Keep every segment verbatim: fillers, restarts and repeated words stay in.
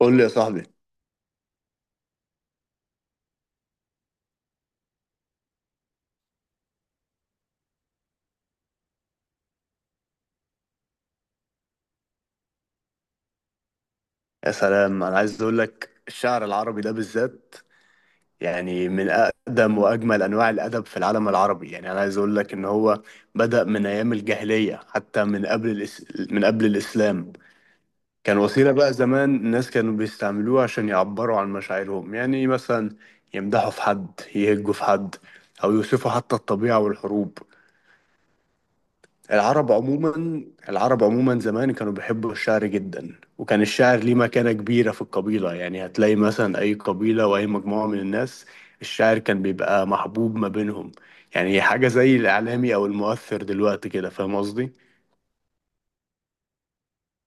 قول لي يا صاحبي. يا سلام، انا عايز اقول لك الشعر العربي ده بالذات يعني من اقدم واجمل انواع الادب في العالم العربي. يعني انا عايز اقول لك ان هو بدأ من ايام الجاهلية، حتى من قبل الإس... من قبل الاسلام. كان وسيلة بقى زمان، الناس كانوا بيستعملوها عشان يعبروا عن مشاعرهم. يعني مثلا يمدحوا في حد، يهجوا في حد، او يوصفوا حتى الطبيعة والحروب. العرب عموما العرب عموما زمان كانوا بيحبوا الشعر جدا، وكان الشعر ليه مكانة كبيرة في القبيلة. يعني هتلاقي مثلا أي قبيلة وأي مجموعة من الناس، الشعر كان بيبقى محبوب ما بينهم. يعني حاجة زي الإعلامي أو المؤثر دلوقتي كده. فاهم قصدي؟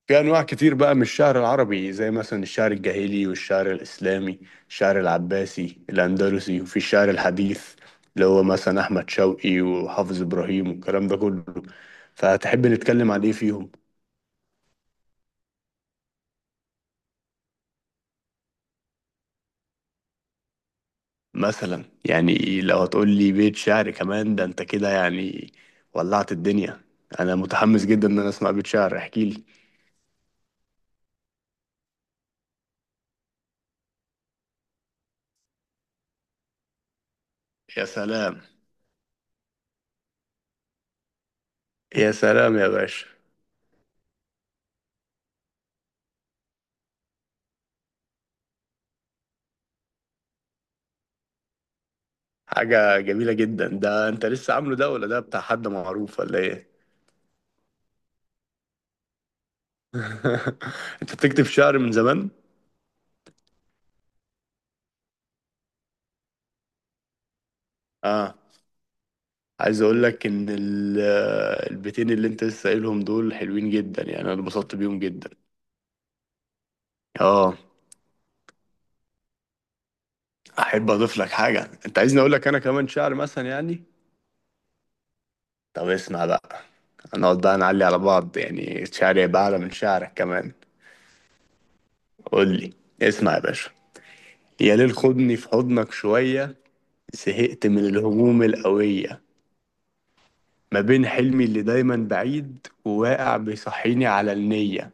في أنواع كتير بقى من الشعر العربي، زي مثلا الشعر الجاهلي والشعر الإسلامي، الشعر العباسي، الأندلسي، وفي الشعر الحديث اللي هو مثلا أحمد شوقي وحافظ إبراهيم والكلام ده كله. فهتحب نتكلم عن إيه فيهم؟ مثلا يعني لو هتقول لي بيت شعر كمان ده انت كده يعني ولعت الدنيا. انا متحمس جدا ان انا اسمع بيت شعر، احكي لي. يا سلام. يا سلام يا باشا. حاجة جميلة جدا، ده انت لسه عامله ده ولا ده بتاع حد معروف ولا ايه؟ انت بتكتب شعر من زمان؟ اه، عايز اقول لك ان ال- البيتين اللي انت لسه قايلهم دول حلوين جدا، يعني انا اتبسطت بيهم جدا. اه، احب اضيف لك حاجة. انت عايزني اقول لك انا كمان شعر مثلا يعني. طب اسمع بقى. هنقعد بقى نعلي على بعض، يعني شعري يبقى أعلى من شعرك كمان. قول لي. اسمع يا باشا. يا ليل خدني في حضنك شوية، زهقت من الهموم القوية. ما بين حلمي اللي دايما بعيد وواقع بيصحيني على النية.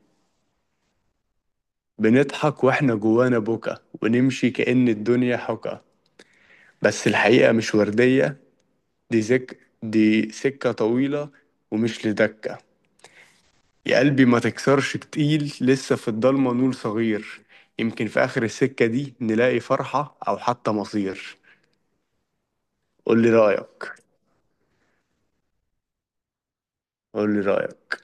بنضحك واحنا جوانا بكا، ونمشي كأن الدنيا حكا، بس الحقيقة مش وردية. دي زك دي سكة طويلة ومش لدكة. يا قلبي ما تكسرش تقيل، لسه في الضلمة نور صغير. يمكن في آخر السكة دي نلاقي فرحة أو حتى مصير. قول لي رأيك. قول لي رأيك.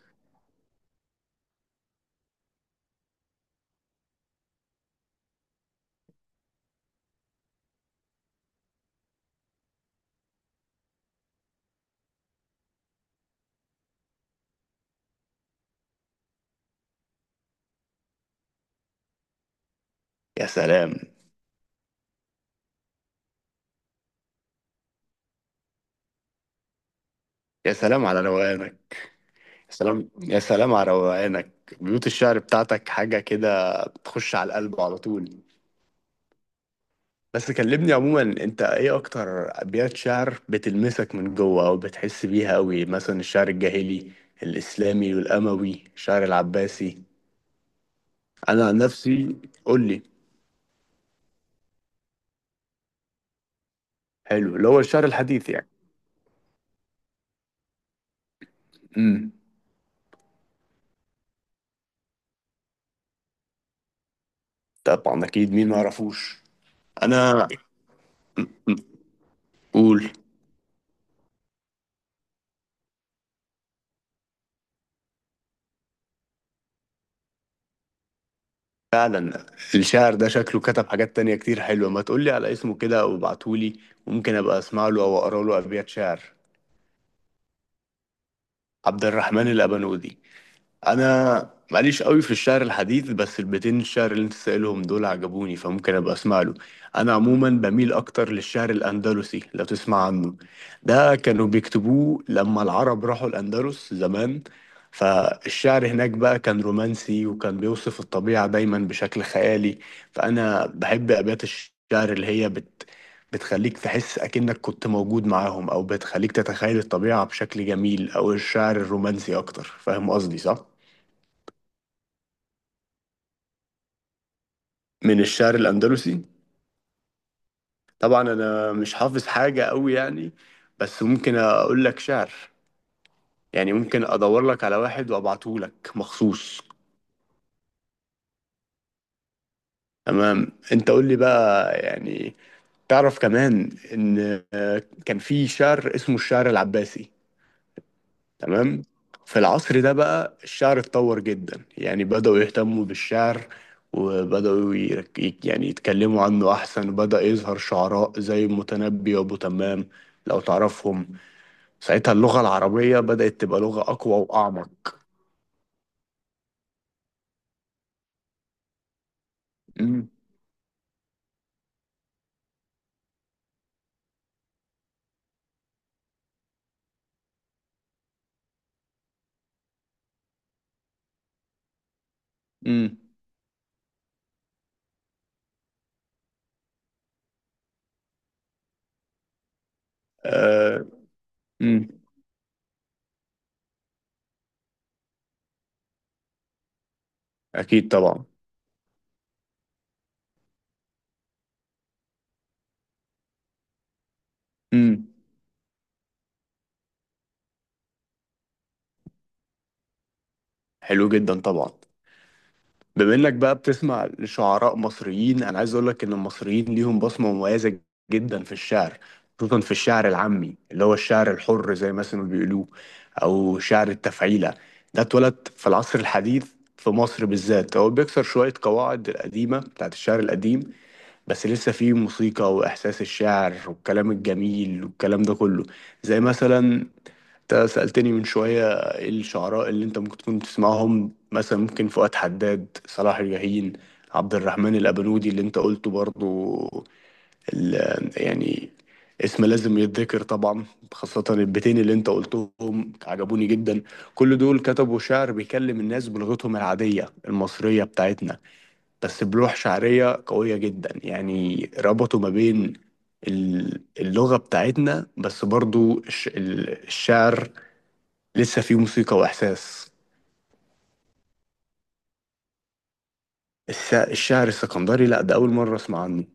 يا سلام. يا سلام على روقانك. يا سلام. يا سلام على روقانك. بيوت الشعر بتاعتك حاجة كده بتخش على القلب على طول. بس كلمني عموما، انت ايه اكتر ابيات شعر بتلمسك من جوه او بتحس بيها قوي؟ مثلا الشعر الجاهلي، الاسلامي والاموي، الشعر العباسي. انا عن نفسي. قول لي. حلو، اللي هو الشعر الحديث يعني. امم. طبعا اكيد، مين ما يعرفوش. انا. قول. فعلا. الشاعر ده شكله كتب حاجات تانية كتير حلوة، ما تقولي على اسمه كده او ابعتهولي، ممكن ابقى اسمع له او اقرا له ابيات شعر. عبد الرحمن الابنودي. انا ماليش قوي في الشعر الحديث، بس البيتين الشعر اللي انت سائلهم دول عجبوني، فممكن ابقى اسمع له. انا عموما بميل اكتر للشعر الاندلسي لو تسمع عنه. ده كانوا بيكتبوه لما العرب راحوا الاندلس زمان. فالشعر هناك بقى كان رومانسي، وكان بيوصف الطبيعة دايما بشكل خيالي. فانا بحب ابيات الشعر اللي هي بت بتخليك تحس أكنك كنت موجود معاهم، أو بتخليك تتخيل الطبيعة بشكل جميل، أو الشعر الرومانسي أكتر. فاهم قصدي صح؟ من الشعر الأندلسي. طبعا أنا مش حافظ حاجة قوي يعني، بس ممكن أقول لك شعر، يعني ممكن أدور لك على واحد وأبعته لك مخصوص. تمام. أنت قول لي بقى يعني. تعرف كمان إن آه، كان في شعر اسمه الشعر العباسي. تمام. في العصر ده بقى الشعر اتطور جدا، يعني بدأوا يهتموا بالشعر، وبدأوا يرك- يك- يعني يتكلموا عنه أحسن، وبدأ يظهر شعراء زي المتنبي وأبو تمام، لو تعرفهم. ساعتها اللغة العربية بدأت تبقى لغة أقوى وأعمق. امم. امم. أه. امم. أكيد طبعا. امم. حلو جدا طبعا. بما إنك بقى بتسمع لشعراء مصريين، أنا عايز أقول لك إن المصريين ليهم بصمة مميزة جدا في الشعر. خصوصا في الشعر العامي اللي هو الشعر الحر زي ما اسمه بيقولوه، أو شعر التفعيلة. ده اتولد في العصر الحديث في مصر بالذات. هو بيكسر شوية قواعد القديمة بتاعت الشعر القديم، بس لسه فيه موسيقى واحساس الشعر والكلام الجميل والكلام ده كله. زي مثلا، انت سألتني من شوية ايه الشعراء اللي انت ممكن تكون بتسمعهم، مثلا ممكن فؤاد حداد، صلاح الجاهين، عبد الرحمن الأبنودي اللي انت قلته برضو، ال- يعني اسم لازم يتذكر طبعا. خاصة البيتين اللي انت قلتهم عجبوني جدا. كل دول كتبوا شعر بيكلم الناس بلغتهم العادية المصرية بتاعتنا، بس بلوح شعرية قوية جدا. يعني ربطوا ما بين ال- اللغة بتاعتنا، بس برضو الش- ال- الشعر لسه فيه موسيقى وإحساس. الس- الشعر السكندري، لا ده أول مرة أسمع عنه.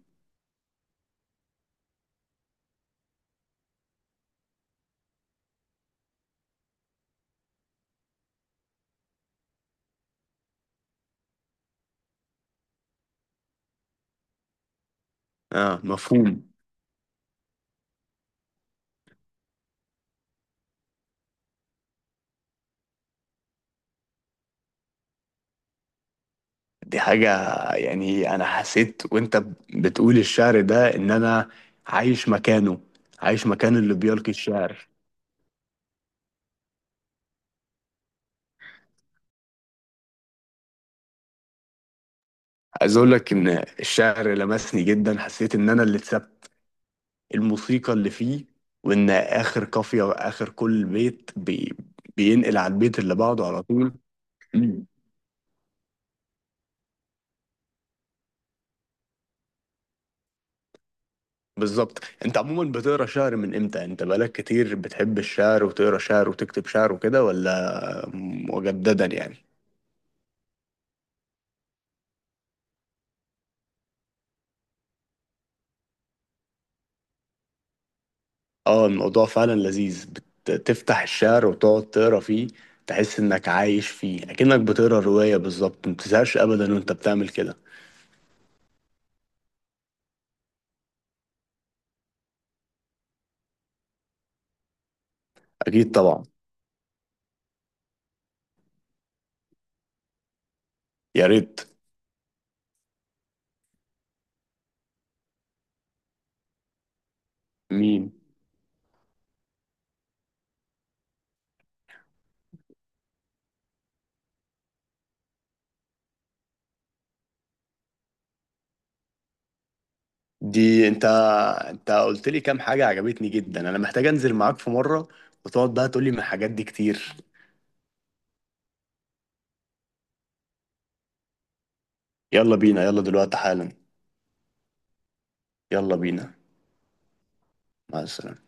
آه، مفهوم. دي حاجة، يعني أنا حسيت وأنت ب- بتقول الشعر ده إن أنا عايش مكانه، عايش مكان اللي بيلقي الشعر. عايز أقول لك إن الشعر لمسني جدا، حسيت إن أنا اللي اتثبت. الموسيقى اللي فيه، وان اخر قافيه واخر كل بيت بي بينقل على البيت اللي بعده على طول. مم. بالظبط، انت عموما بتقرا شعر من امتى؟ انت بقالك كتير بتحب الشعر وتقرا شعر وتكتب شعر وكده، ولا مجددا يعني؟ اه، الموضوع فعلا لذيذ. بتفتح الشعر وتقعد تقرا فيه، تحس انك عايش فيه اكنك بتقرا روايه بالظبط، ما بتزهقش ابدا وانت بتعمل كده. اكيد طبعا. يا ريت. مين؟ دي انت انت قلت لي كام حاجة عجبتني جدا، انا محتاج انزل معاك في مرة، وتقعد بقى تقول لي من الحاجات دي كتير. يلا بينا، يلا دلوقتي حالا. يلا بينا. مع السلامة.